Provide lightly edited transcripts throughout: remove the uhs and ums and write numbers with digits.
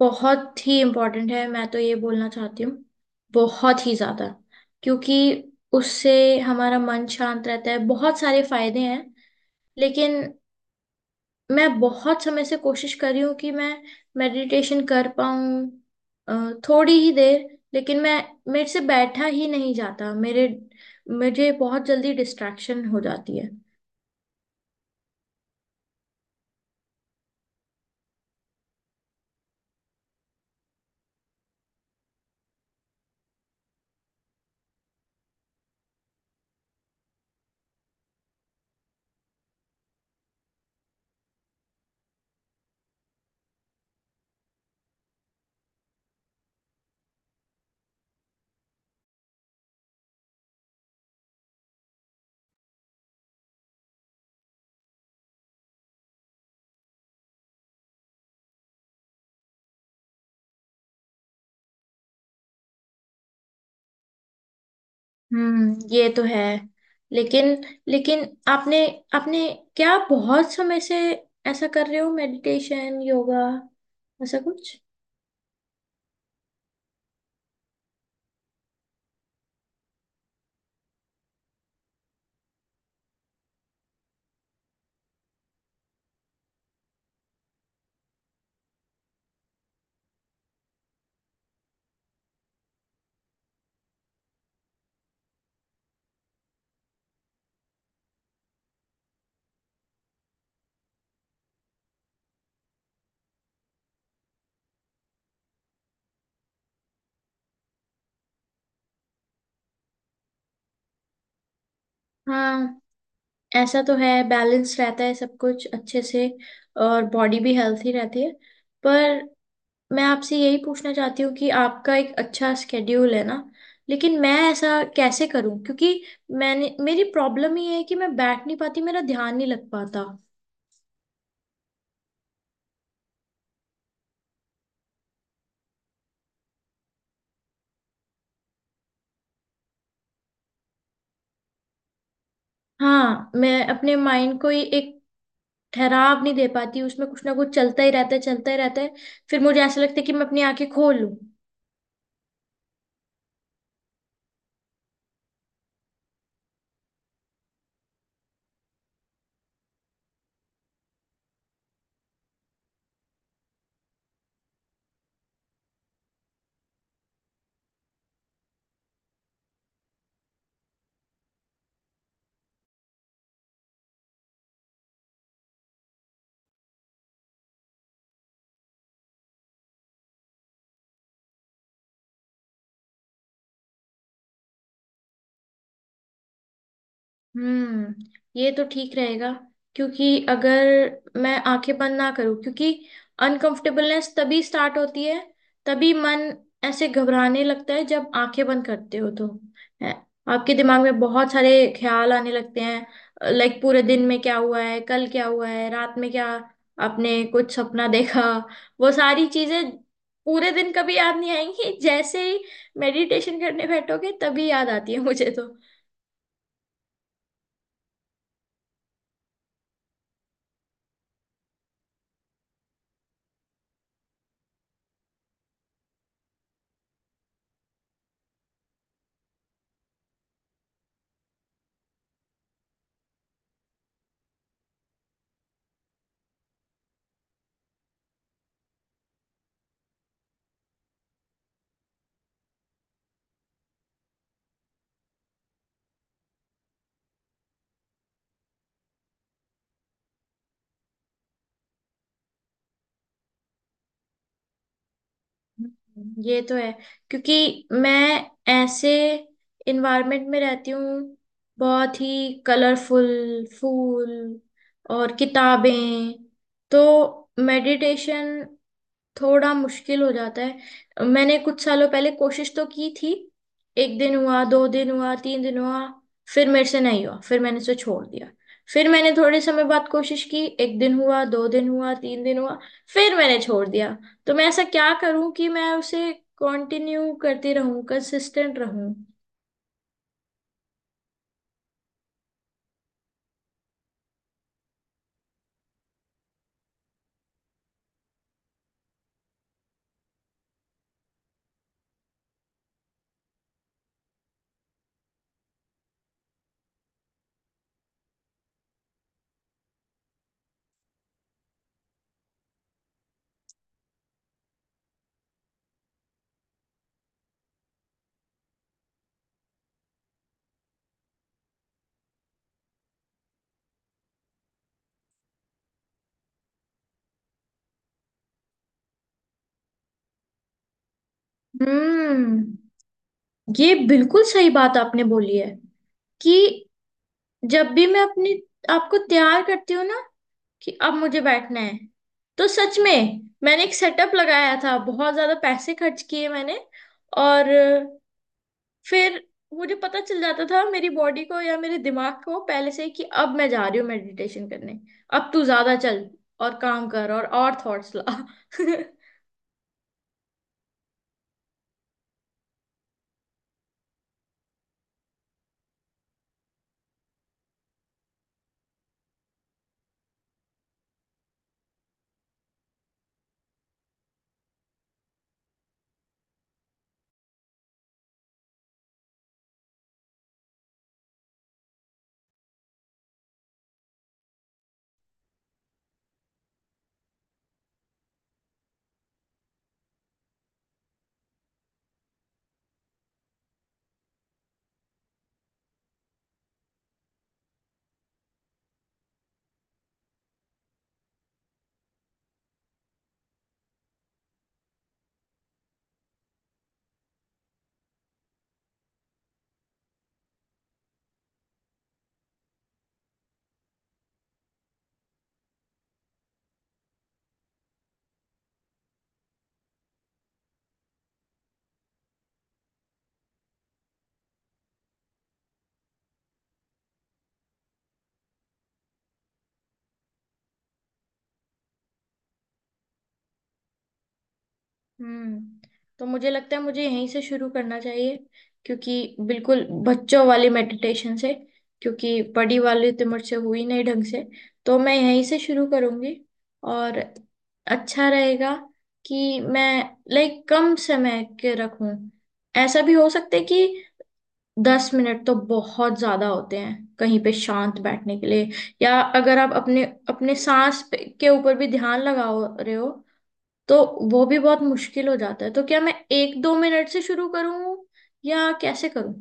बहुत ही इम्पोर्टेंट है मैं तो ये बोलना चाहती हूँ बहुत ही ज्यादा क्योंकि उससे हमारा मन शांत रहता है बहुत सारे फायदे हैं। लेकिन मैं बहुत समय से कोशिश कर रही हूँ कि मैं मेडिटेशन कर पाऊँ थोड़ी ही देर। लेकिन मैं मेरे से बैठा ही नहीं जाता मेरे मुझे बहुत जल्दी डिस्ट्रैक्शन हो जाती है। हम्म, ये तो है। लेकिन लेकिन आपने आपने क्या बहुत समय से ऐसा कर रहे हो मेडिटेशन योगा ऐसा कुछ। हाँ, ऐसा तो है, बैलेंस रहता है सब कुछ अच्छे से और बॉडी भी हेल्थी रहती है। पर मैं आपसे यही पूछना चाहती हूँ कि आपका एक अच्छा स्केड्यूल है ना। लेकिन मैं ऐसा कैसे करूँ क्योंकि मैंने मेरी प्रॉब्लम ये है कि मैं बैठ नहीं पाती मेरा ध्यान नहीं लग पाता। हाँ, मैं अपने माइंड को ही एक ठहराव नहीं दे पाती, उसमें कुछ ना कुछ चलता ही रहता है चलता ही रहता है। फिर मुझे ऐसा लगता है कि मैं अपनी आंखें खोल लूं। हम्म, ये तो ठीक रहेगा। क्योंकि अगर मैं आंखें बंद ना करूं, क्योंकि अनकंफर्टेबलनेस तभी स्टार्ट होती है, तभी मन ऐसे घबराने लगता है जब आंखें बंद करते हो तो है, आपके दिमाग में बहुत सारे ख्याल आने लगते हैं, लाइक पूरे दिन में क्या हुआ है, कल क्या हुआ है, रात में क्या आपने कुछ सपना देखा, वो सारी चीजें पूरे दिन कभी याद नहीं आएंगी, जैसे ही मेडिटेशन करने बैठोगे तभी याद आती है मुझे तो। ये तो है। क्योंकि मैं ऐसे इन्वायरमेंट में रहती हूँ, बहुत ही कलरफुल फूल और किताबें, तो मेडिटेशन थोड़ा मुश्किल हो जाता है। मैंने कुछ सालों पहले कोशिश तो की थी, एक दिन हुआ 2 दिन हुआ 3 दिन हुआ, फिर मेरे से नहीं हुआ, फिर मैंने उसे छोड़ दिया। फिर मैंने थोड़े समय बाद कोशिश की, एक दिन हुआ 2 दिन हुआ 3 दिन हुआ, फिर मैंने छोड़ दिया। तो मैं ऐसा क्या करूं कि मैं उसे कंटिन्यू करती रहूं, कंसिस्टेंट रहूं। हम्म, ये बिल्कुल सही बात आपने बोली है कि जब भी मैं अपनी आपको तैयार करती हूँ ना कि अब मुझे बैठना है, तो सच में मैंने एक सेटअप लगाया था, बहुत ज्यादा पैसे खर्च किए मैंने। और फिर मुझे पता चल जाता था मेरी बॉडी को या मेरे दिमाग को पहले से ही कि अब मैं जा रही हूँ मेडिटेशन करने। अब तू ज्यादा चल और काम कर और थॉट्स ला हम्म, तो मुझे लगता है मुझे यहीं से शुरू करना चाहिए, क्योंकि बिल्कुल बच्चों वाली मेडिटेशन से। क्योंकि बड़ी वाली तो मुझसे हुई नहीं ढंग से, तो मैं यहीं से शुरू करूंगी। और अच्छा रहेगा कि मैं लाइक कम समय के रखूं। ऐसा भी हो सकता है कि 10 मिनट तो बहुत ज्यादा होते हैं कहीं पे शांत बैठने के लिए, या अगर आप अपने अपने सांस के ऊपर भी ध्यान लगा रहे हो, तो वो भी बहुत मुश्किल हो जाता है। तो क्या मैं 1-2 मिनट से शुरू करूं या कैसे करूं।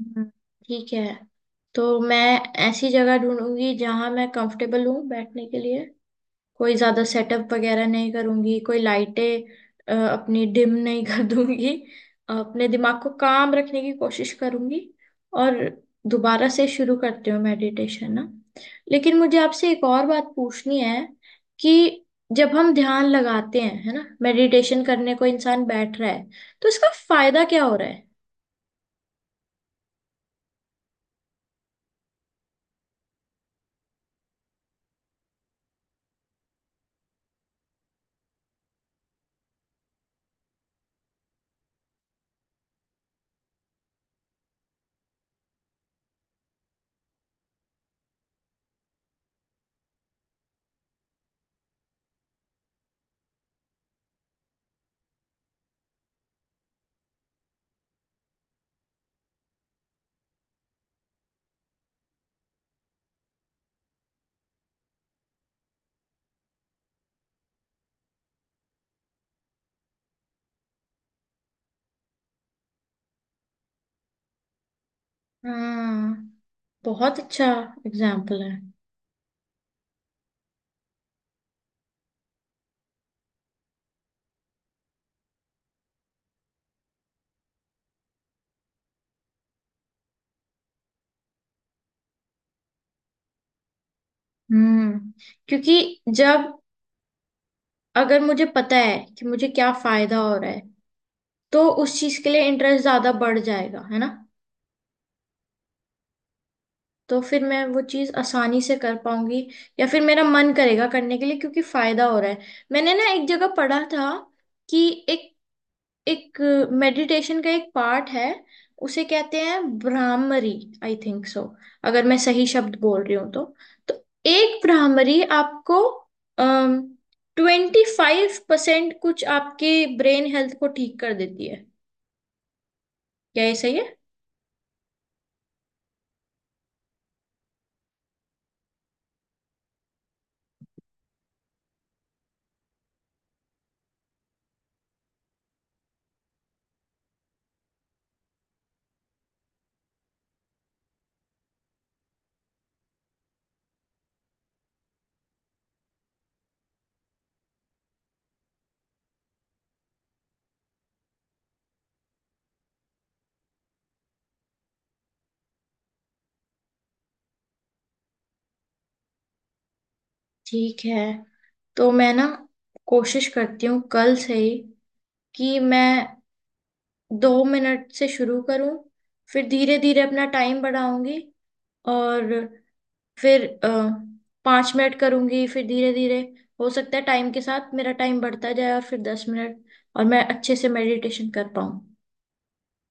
हम्म, ठीक है, तो मैं ऐसी जगह ढूंढूंगी जहां मैं कंफर्टेबल हूं बैठने के लिए। कोई ज्यादा सेटअप वगैरह नहीं करूंगी, कोई लाइटें अपनी डिम नहीं कर दूंगी। अपने दिमाग को काम रखने की कोशिश करूंगी और दोबारा से शुरू करती हूँ मेडिटेशन ना। लेकिन मुझे आपसे एक और बात पूछनी है कि जब हम ध्यान लगाते हैं है ना, मेडिटेशन करने को इंसान बैठ रहा है, तो इसका फायदा क्या हो रहा है। हाँ, बहुत अच्छा एग्जाम्पल है। हम्म, क्योंकि जब, अगर मुझे पता है कि मुझे क्या फायदा हो रहा है, तो उस चीज के लिए इंटरेस्ट ज्यादा बढ़ जाएगा है ना। तो फिर मैं वो चीज आसानी से कर पाऊंगी, या फिर मेरा मन करेगा करने के लिए क्योंकि फायदा हो रहा है। मैंने ना एक जगह पढ़ा था कि एक एक मेडिटेशन का एक पार्ट है, उसे कहते हैं ब्राह्मरी, आई थिंक सो, अगर मैं सही शब्द बोल रही हूँ तो। तो एक ब्राह्मरी आपको 25% कुछ आपके ब्रेन हेल्थ को ठीक कर देती है। क्या ये सही है। ठीक है, तो मैं ना कोशिश करती हूँ कल से ही कि मैं 2 मिनट से शुरू करूँ, फिर धीरे धीरे अपना टाइम बढ़ाऊंगी। और फिर 5 मिनट करूंगी, फिर धीरे धीरे, हो सकता है टाइम के साथ मेरा टाइम बढ़ता जाए और फिर 10 मिनट और मैं अच्छे से मेडिटेशन कर पाऊँ।